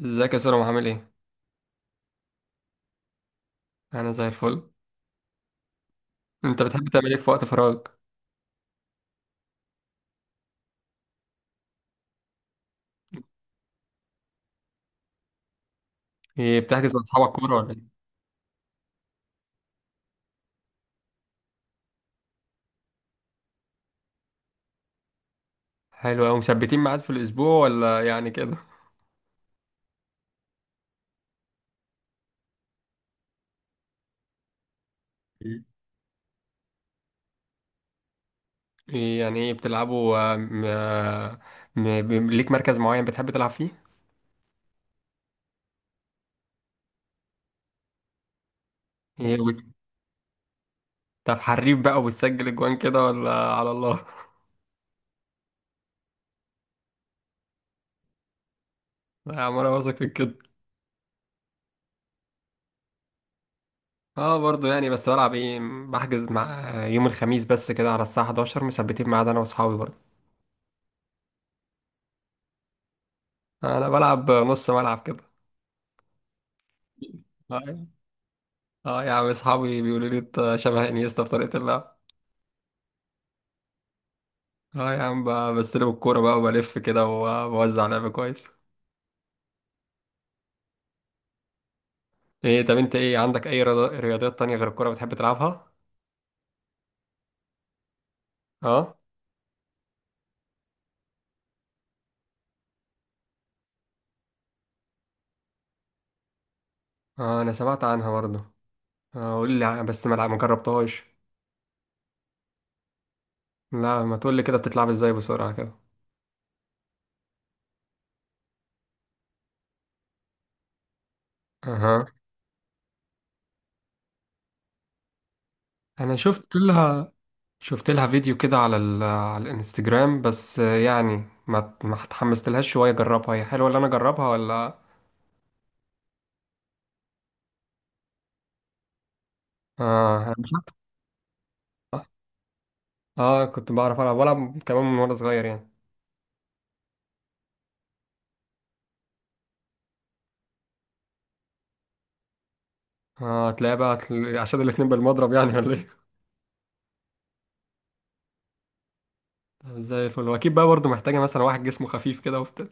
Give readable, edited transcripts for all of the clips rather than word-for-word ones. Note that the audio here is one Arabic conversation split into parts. ازيك يا سورة؟ عامل ايه؟ انا زي الفل. انت بتحب تعمل ايه في وقت فراغك؟ ايه، بتحجز مع اصحابك كورة ولا ايه؟ حلو اوي، مثبتين ميعاد في الاسبوع ولا يعني كده؟ مم. ايه يعني، ايه بتلعبوا؟ ليك مركز معين بتحب تلعب فيه؟ ايه وت- طب حريف بقى وبتسجل اجوان كده ولا على الله؟ يا عم انا واثق فيك كده. اه برضه يعني، بس بلعب ايه، بحجز مع يوم الخميس بس كده على الساعة 11، مثبتين ميعاد انا واصحابي برضه. انا بلعب نص ملعب. كده. اه يا عم، اصحابي بيقولوا لي انت شبه انيستا في طريقة اللعب. اه يا عم، بستلم الكورة بقى وبلف كده وبوزع لعب كويس. ايه طب انت، ايه عندك اي رياضيات تانية غير الكورة بتحب تلعبها؟ اه اه. انا سمعت عنها برضه. اه قول لي ع- بس ما لع- ما جربتهاش. لا ما تقول لي كده، بتتلعب ازاي؟ بسرعة كده. اها. انا شفت لها، شفت لها فيديو كده على على الانستجرام، بس يعني ما اتحمست لهاش شوية. اجربها؟ هي حلوة اللي انا اجربها ولا؟ اه أنا مش عارف. اه كنت بعرف العب، بلعب كمان من وانا صغير يعني. اه هتلاقي بقى، عشان الاتنين بالمضرب يعني ولا ايه؟ زي الفل. واكيد بقى برضه محتاجه مثلا واحد جسمه خفيف كده وبتاع.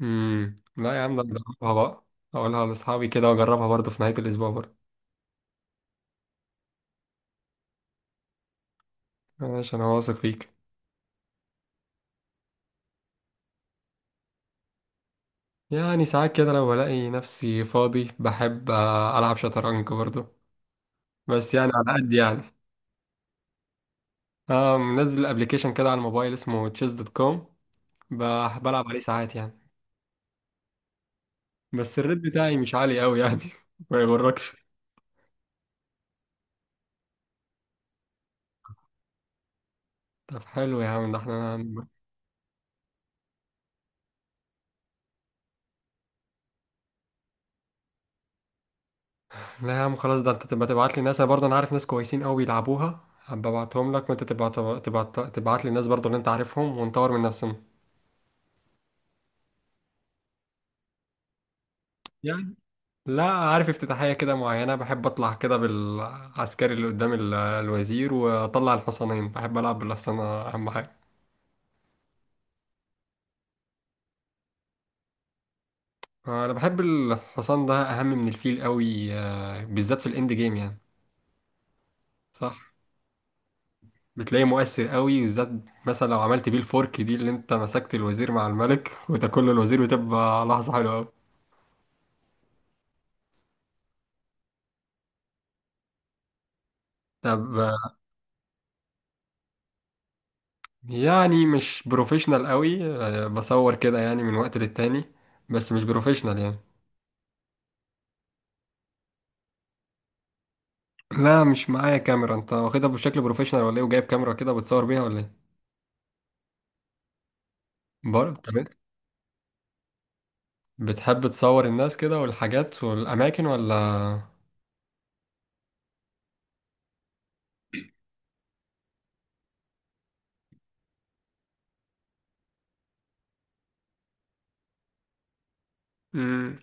لا يا عم، ده أنا هجربها بقى، اقولها لاصحابي كده واجربها برضه في نهايه الاسبوع برضه. ماشي انا واثق فيك. يعني ساعات كده لو بلاقي نفسي فاضي بحب العب شطرنج برضه، بس يعني على قد يعني. اه منزل ابلكيشن كده على الموبايل اسمه تشيس دوت كوم، بلعب عليه ساعات يعني. بس الريت بتاعي مش عالي قوي يعني. ما يغركش. طب حلو يا عم، ده احنا. لا يا عم خلاص، ده انت تبقى تبعت لي ناس، انا برضه انا عارف ناس كويسين قوي يلعبوها، هبقى ابعتهم لك وانت تبقى تبعت لي ناس برضه اللي انت عارفهم ونطور من نفسنا. يعني لا، عارف افتتاحية كده معينة، بحب اطلع كده بالعسكري اللي قدام الوزير، واطلع الحصانين، بحب العب بالحصانة اهم حاجة. انا بحب الحصان ده اهم من الفيل قوي، بالذات في الاند جيم يعني. صح. بتلاقيه مؤثر قوي، بالذات مثلا لو عملت بيه الفورك دي، اللي انت مسكت الوزير مع الملك وتاكل له الوزير، وتبقى لحظة حلوة قوي. طب آه، يعني مش بروفيشنال قوي، بصور كده يعني من وقت للتاني، بس مش بروفيشنال يعني. لا مش معايا كاميرا. انت واخدها بشكل بروفيشنال ولا ايه؟ وجايب كاميرا كده بتصور بيها ولا ايه؟ برضه تمام. بتحب تصور الناس كده والحاجات والاماكن ولا؟ مم،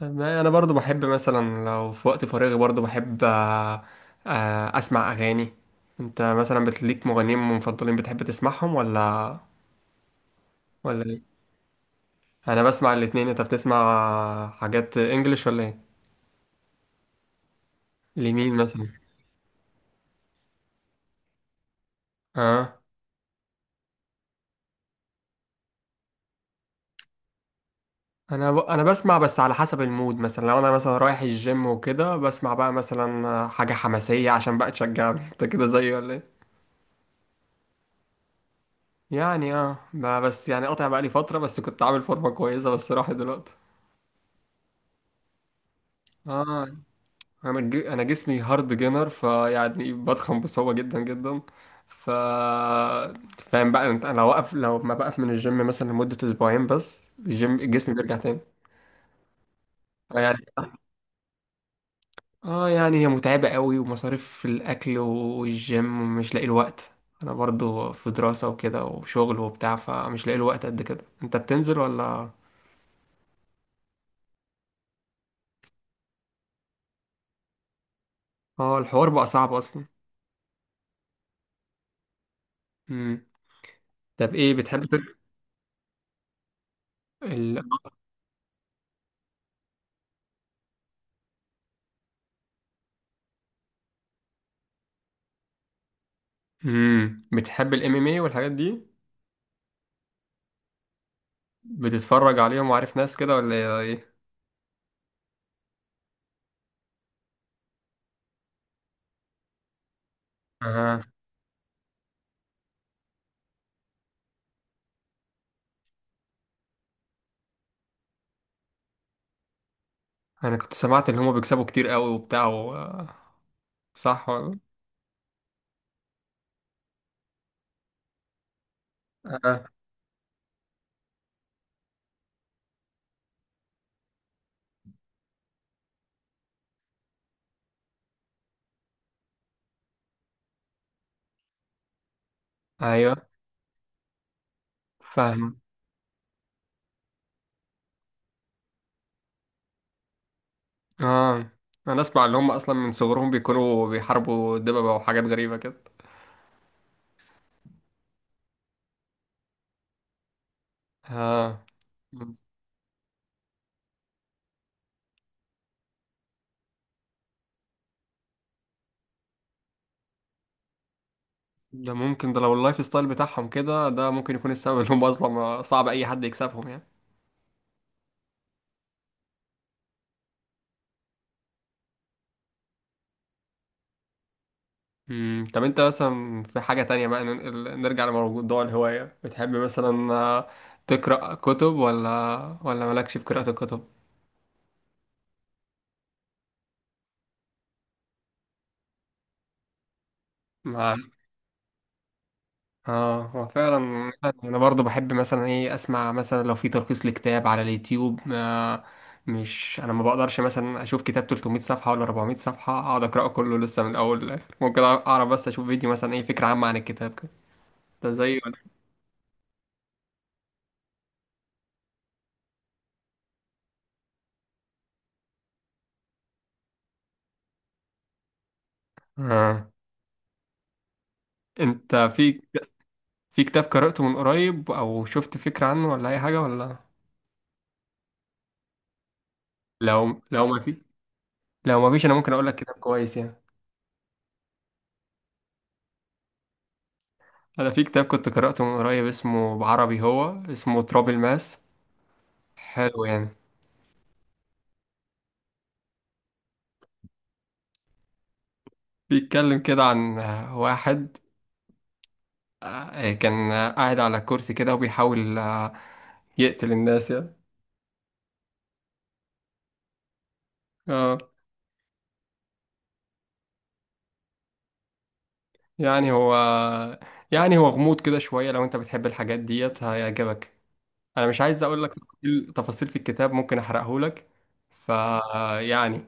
ما انا برضو بحب مثلا لو في وقت فراغي، برضو بحب اسمع اغاني. انت مثلا بتليك مغنيين مفضلين بتحب تسمعهم ولا ولا ايه؟ انا بسمع الاتنين. انت بتسمع حاجات انجليش ولا ايه؟ لمين مثلا؟ اه انا انا بسمع بس على حسب المود. مثلا لو انا مثلا رايح الجيم وكده بسمع بقى مثلا حاجة حماسية عشان بقى تشجعني. انت كده زيي ولا ايه؟ يعني اه، بس يعني قاطع بقى لي فترة. بس كنت عامل فورمة كويسة بس راحت دلوقتي. اه انا انا جسمي هارد جينر، فيعني بضخم بصعوبه جدا جدا. ف فاهم بقى انت، انا واقف. لو ما بقف من الجيم مثلا لمده اسبوعين بس، الجيم جسمي بيرجع تاني. آه يعني. اه يعني هي متعبه قوي، ومصاريف في الاكل والجيم، ومش لاقي الوقت. انا برضو في دراسه وكده وشغل وبتاع، فمش لاقي الوقت قد كده. انت بتنزل ولا؟ اه، الحوار بقى صعب اصلا. امم طب ايه بتحب ال... بتحب الام ام اي والحاجات دي؟ بتتفرج عليهم وعارف ناس كده ولا ايه؟ اها. انا كنت سمعت ان هما بيكسبوا كتير قوي وبتاع صح ولا؟ اها. ايوه. فاهم. اه انا اسمع ان هما اصلا من صغرهم بيكونوا بيحاربوا دببة وحاجات غريبة كده. اه ده ممكن، ده لو اللايف ستايل بتاعهم كده، ده ممكن يكون السبب ان هم اصلا صعب اي حد يكسبهم يعني. طب انت مثلا في حاجة تانية بقى، نرجع لموضوع الهواية، بتحب مثلا تقرأ كتب ولا ولا مالكش في قراءة الكتب؟ ما اه هو فعلا. انا برضو بحب مثلا ايه، اسمع مثلا لو في تلخيص لكتاب على اليوتيوب. ما مش انا، ما بقدرش مثلا اشوف كتاب 300 صفحة ولا 400 صفحة اقعد اقراه كله لسه من الاول للاخر، ممكن اعرف بس اشوف فيديو مثلا ايه فكرة عامة عن الكتاب كده، ده زي. اه انت في، في كتاب قرأته من قريب او شفت فكرة عنه ولا اي حاجة ولا؟ لو ما في، لو ما فيش انا ممكن اقول لك كتاب كويس يعني. انا في كتاب كنت قرأته من قريب اسمه بعربي، هو اسمه تراب الماس، حلو يعني. بيتكلم كده عن واحد كان قاعد على كرسي كده وبيحاول يقتل الناس يعني. اه يعني هو، يعني هو غموض كده شوية، لو انت بتحب الحاجات ديت هيعجبك. انا مش عايز اقول لك تفاصيل في الكتاب، ممكن احرقه لك. ف يعني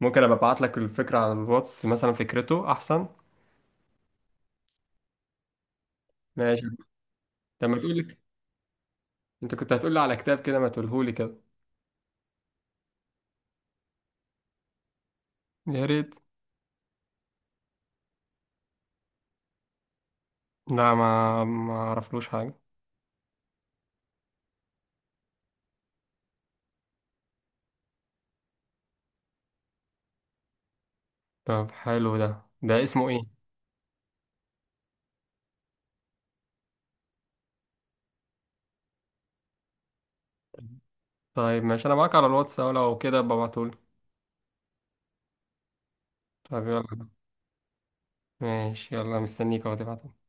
ممكن ابقى ابعت لك الفكرة على الواتس مثلا، فكرته احسن. ماشي. طب ما تقول لك، انت كنت هتقول لي على كتاب كده، ما تقوله لي كده. يا ريت. لا، ما ما اعرفلوش حاجة. طب حلو، ده ده اسمه ايه؟ طيب ماشي انا معاك على الواتس أهو، لو كده ابقى ابعتهولي. طب يلا. ماشي يلا، مستنيك اهو تبعته.